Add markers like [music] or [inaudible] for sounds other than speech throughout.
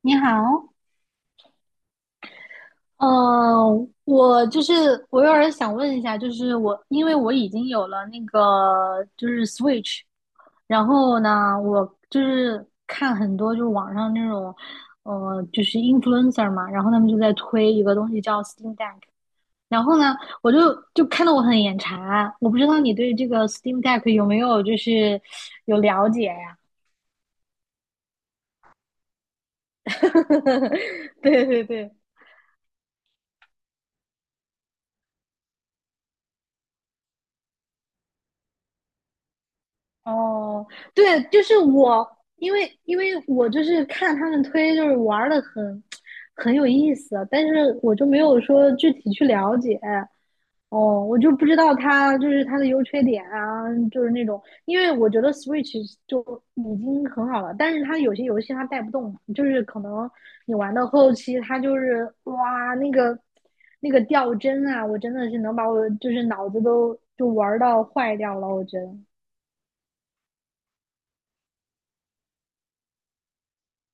你好，呃，我就是我有点儿想问一下，就是我因为我已经有了那个就是 Switch，然后呢，我就是看很多就是网上那种，就是 influencer 嘛，然后他们就在推一个东西叫 Steam Deck，然后呢，我就看得我很眼馋，我不知道你对这个 Steam Deck 有没有就是有了解呀？[laughs] 对对对，哦，对，就是我，因为我就是看他们推，就是玩的很有意思，但是我就没有说具体去了解。哦，我就不知道它就是它的优缺点啊，就是那种，因为我觉得 Switch 就已经很好了，但是它有些游戏它带不动，就是可能你玩到后期，它就是哇那个掉帧啊，我真的是能把我就是脑子都就玩到坏掉了，我觉得，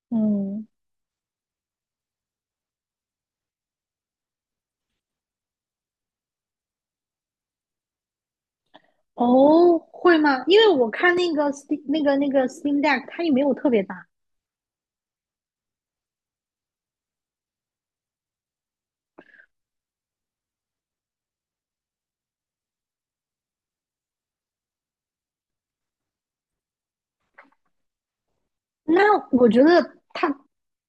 嗯。哦，会吗？因为我看那个 Steam 那个 Steam Deck，它也没有特别大。那我觉得它，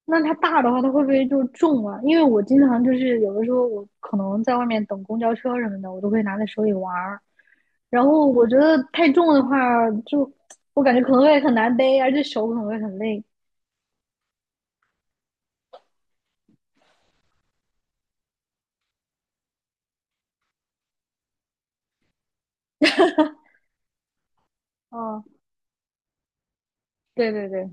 那它大的话，它会不会就重啊？因为我经常就是有的时候我可能在外面等公交车什么的，我都会拿在手里玩儿。然后我觉得太重的话，就我感觉可能会很难背，而且手可能会很累。哦，对对对，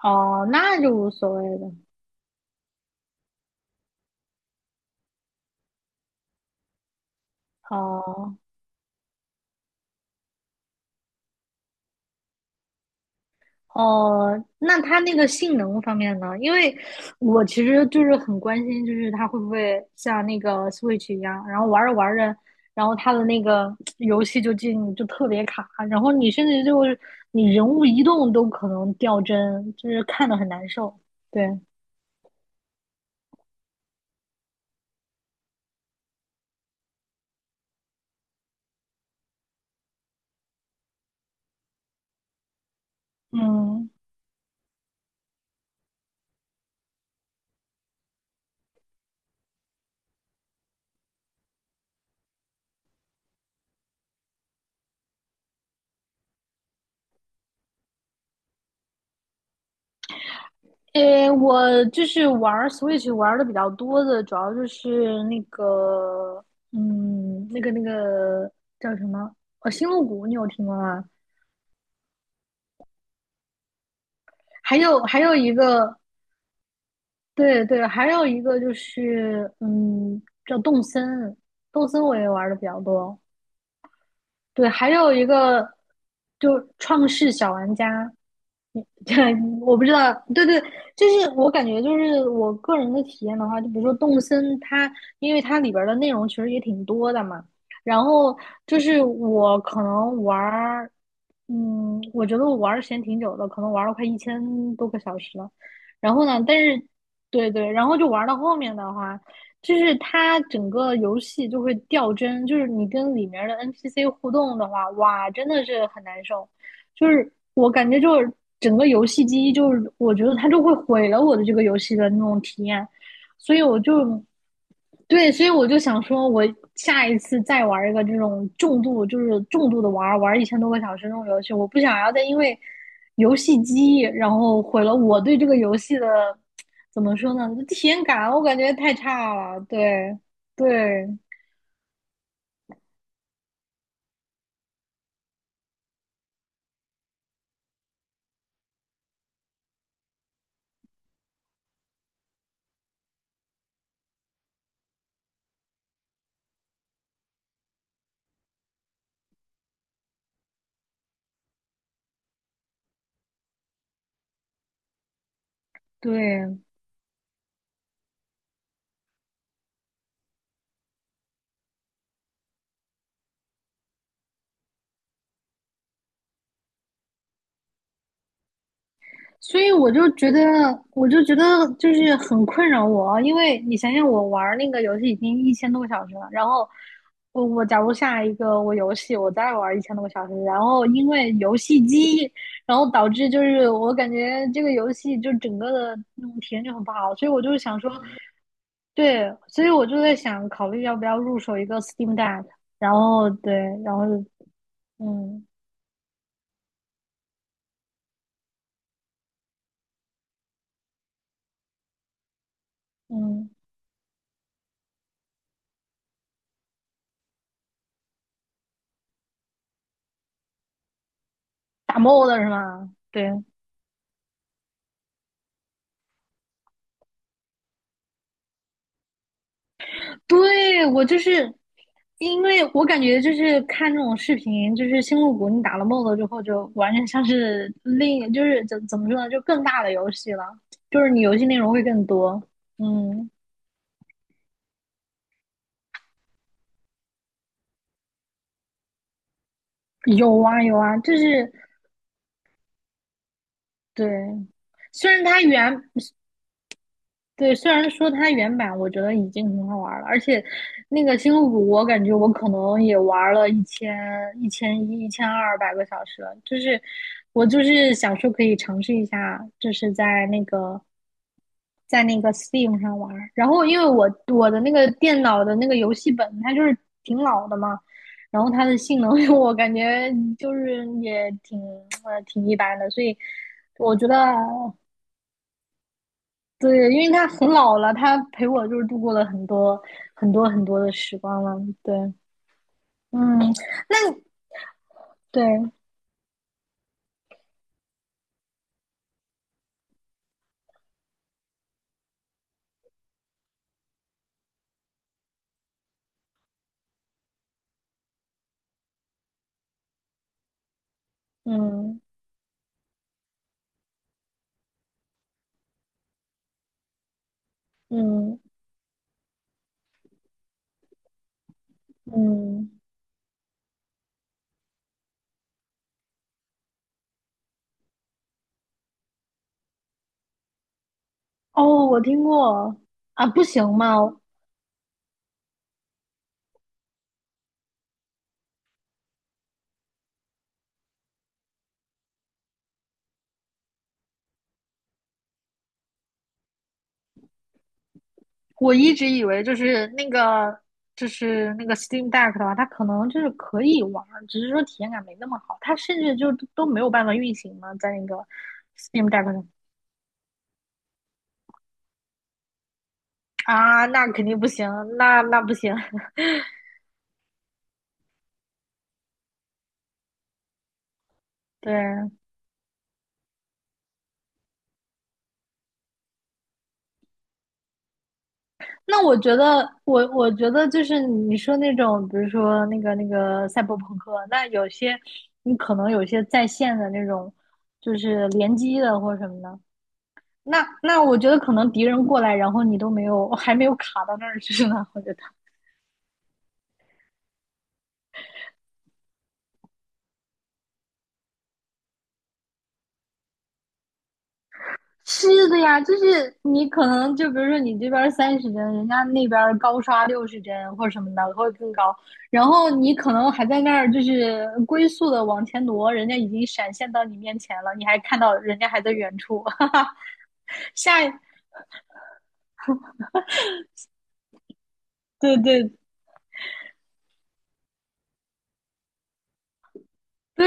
哦，那就无所谓了。哦，哦，那它那个性能方面呢？因为我其实就是很关心，就是它会不会像那个 Switch 一样，然后玩着玩着，然后它的那个游戏就进就特别卡，然后你甚至就是你人物移动都可能掉帧，就是看的很难受。对，嗯，诶，我就是玩儿 Switch 玩的比较多的，主要就是那个，嗯，那个叫什么？《星露谷，你有听过吗？还有一个，对对，还有一个就是，嗯，叫动森，动森我也玩的比较多。对，还有一个就创世小玩家，[laughs] 对，我不知道，对对，就是我感觉就是我个人的体验的话，就比如说动森它，因为它里边儿的内容其实也挺多的嘛，然后就是我可能玩儿，嗯，我觉得我玩儿时间挺久的，可能玩了快一千多个小时了，然后呢，但是对对，然后就玩到后面的话，就是它整个游戏就会掉帧，就是你跟里面的 NPC 互动的话，哇，真的是很难受。就是我感觉就是整个游戏机，就是我觉得它就会毁了我的这个游戏的那种体验，所以对，所以我就想说，我下一次再玩一个这种重度，就是重度的玩玩一千多个小时那种游戏，我不想要再因为游戏机，然后毁了我对这个游戏的怎么说呢，体验感，我感觉太差了，对对。对所以我就觉得，就是很困扰我啊，因为你想想，我玩那个游戏已经一千多个小时了，然后我假如下一个我游戏我再玩一千多个小时，然后因为游戏机，然后导致就是我感觉这个游戏就整个的那种体验就很不好，所以我就是想说，对，所以我就在想考虑要不要入手一个 Steam Deck，然后对，然后嗯嗯，打 mod 是吗？对，对，我就是因为我感觉就是看这种视频，就是星露谷，你打了 MOD 之后，就完全像是就是怎么说呢，就更大的游戏了，就是你游戏内容会更多。嗯，有啊有啊，就是对，虽然它原对，虽然说它原版我觉得已经很好玩了，而且那个星露谷，我感觉我可能也玩了1000、1100、1200个小时了。就是我就是想说可以尝试一下，就是在那个 Steam 上玩儿然后因为我的那个电脑的那个游戏本它就是挺老的嘛，然后它的性能 [laughs] 我感觉就是也挺一般的，所以我觉得对，因为他很老了，他陪我就是度过了很多很多很多的时光了。对，嗯，那对，嗯嗯嗯，哦，我听过啊，不行吗？我一直以为就是那个 Steam Deck 的话，它可能就是可以玩儿只是说体验感没那么好，它甚至就都没有办法运行嘛，在那个 Steam Deck 上啊，那肯定不行，那不行，[laughs] 对。那我觉得，我觉得就是你说那种，比如说那个赛博朋克，那有些你可能有些在线的那种，就是联机的或者什么的，那我觉得可能敌人过来，然后你都没有，还没有卡到那儿去呢，我觉得。是的呀，就是你可能就比如说你这边30帧，人家那边高刷60帧或者什么的会更高，然后你可能还在那儿就是龟速的往前挪，人家已经闪现到你面前了，你还看到人家还在远处，[laughs] 哈哈，下一，对对对，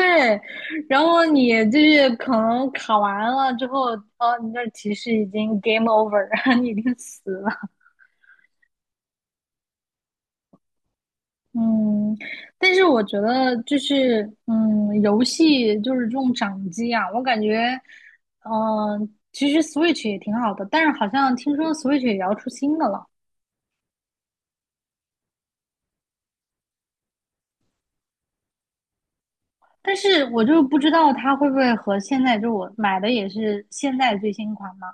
然后你就是可能卡完了之后，哦，你那儿提示已经 game over，[laughs] 你已经死了，嗯，但是我觉得就是，嗯，游戏就是这种掌机啊，我感觉，嗯、其实 Switch 也挺好的，但是好像听说 Switch 也要出新的了，但是我就不知道它会不会和现在就我买的也是现在最新款嘛，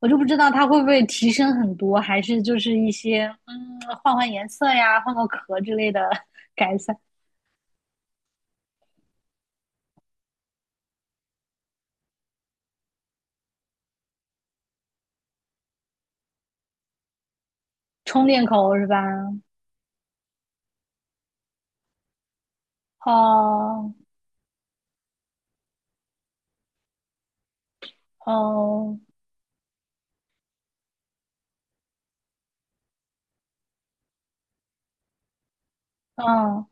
我就不知道它会不会提升很多，还是就是一些换换颜色呀，换个壳之类的改善，充电口是吧？哦哦哦。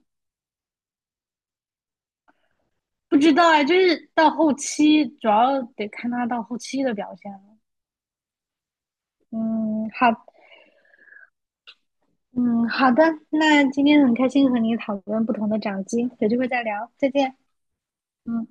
不知道哎，就是到后期主要得看他到后期的表现了。嗯，好，嗯，好的，那今天很开心和你讨论不同的掌机，有机会再聊，再见。嗯。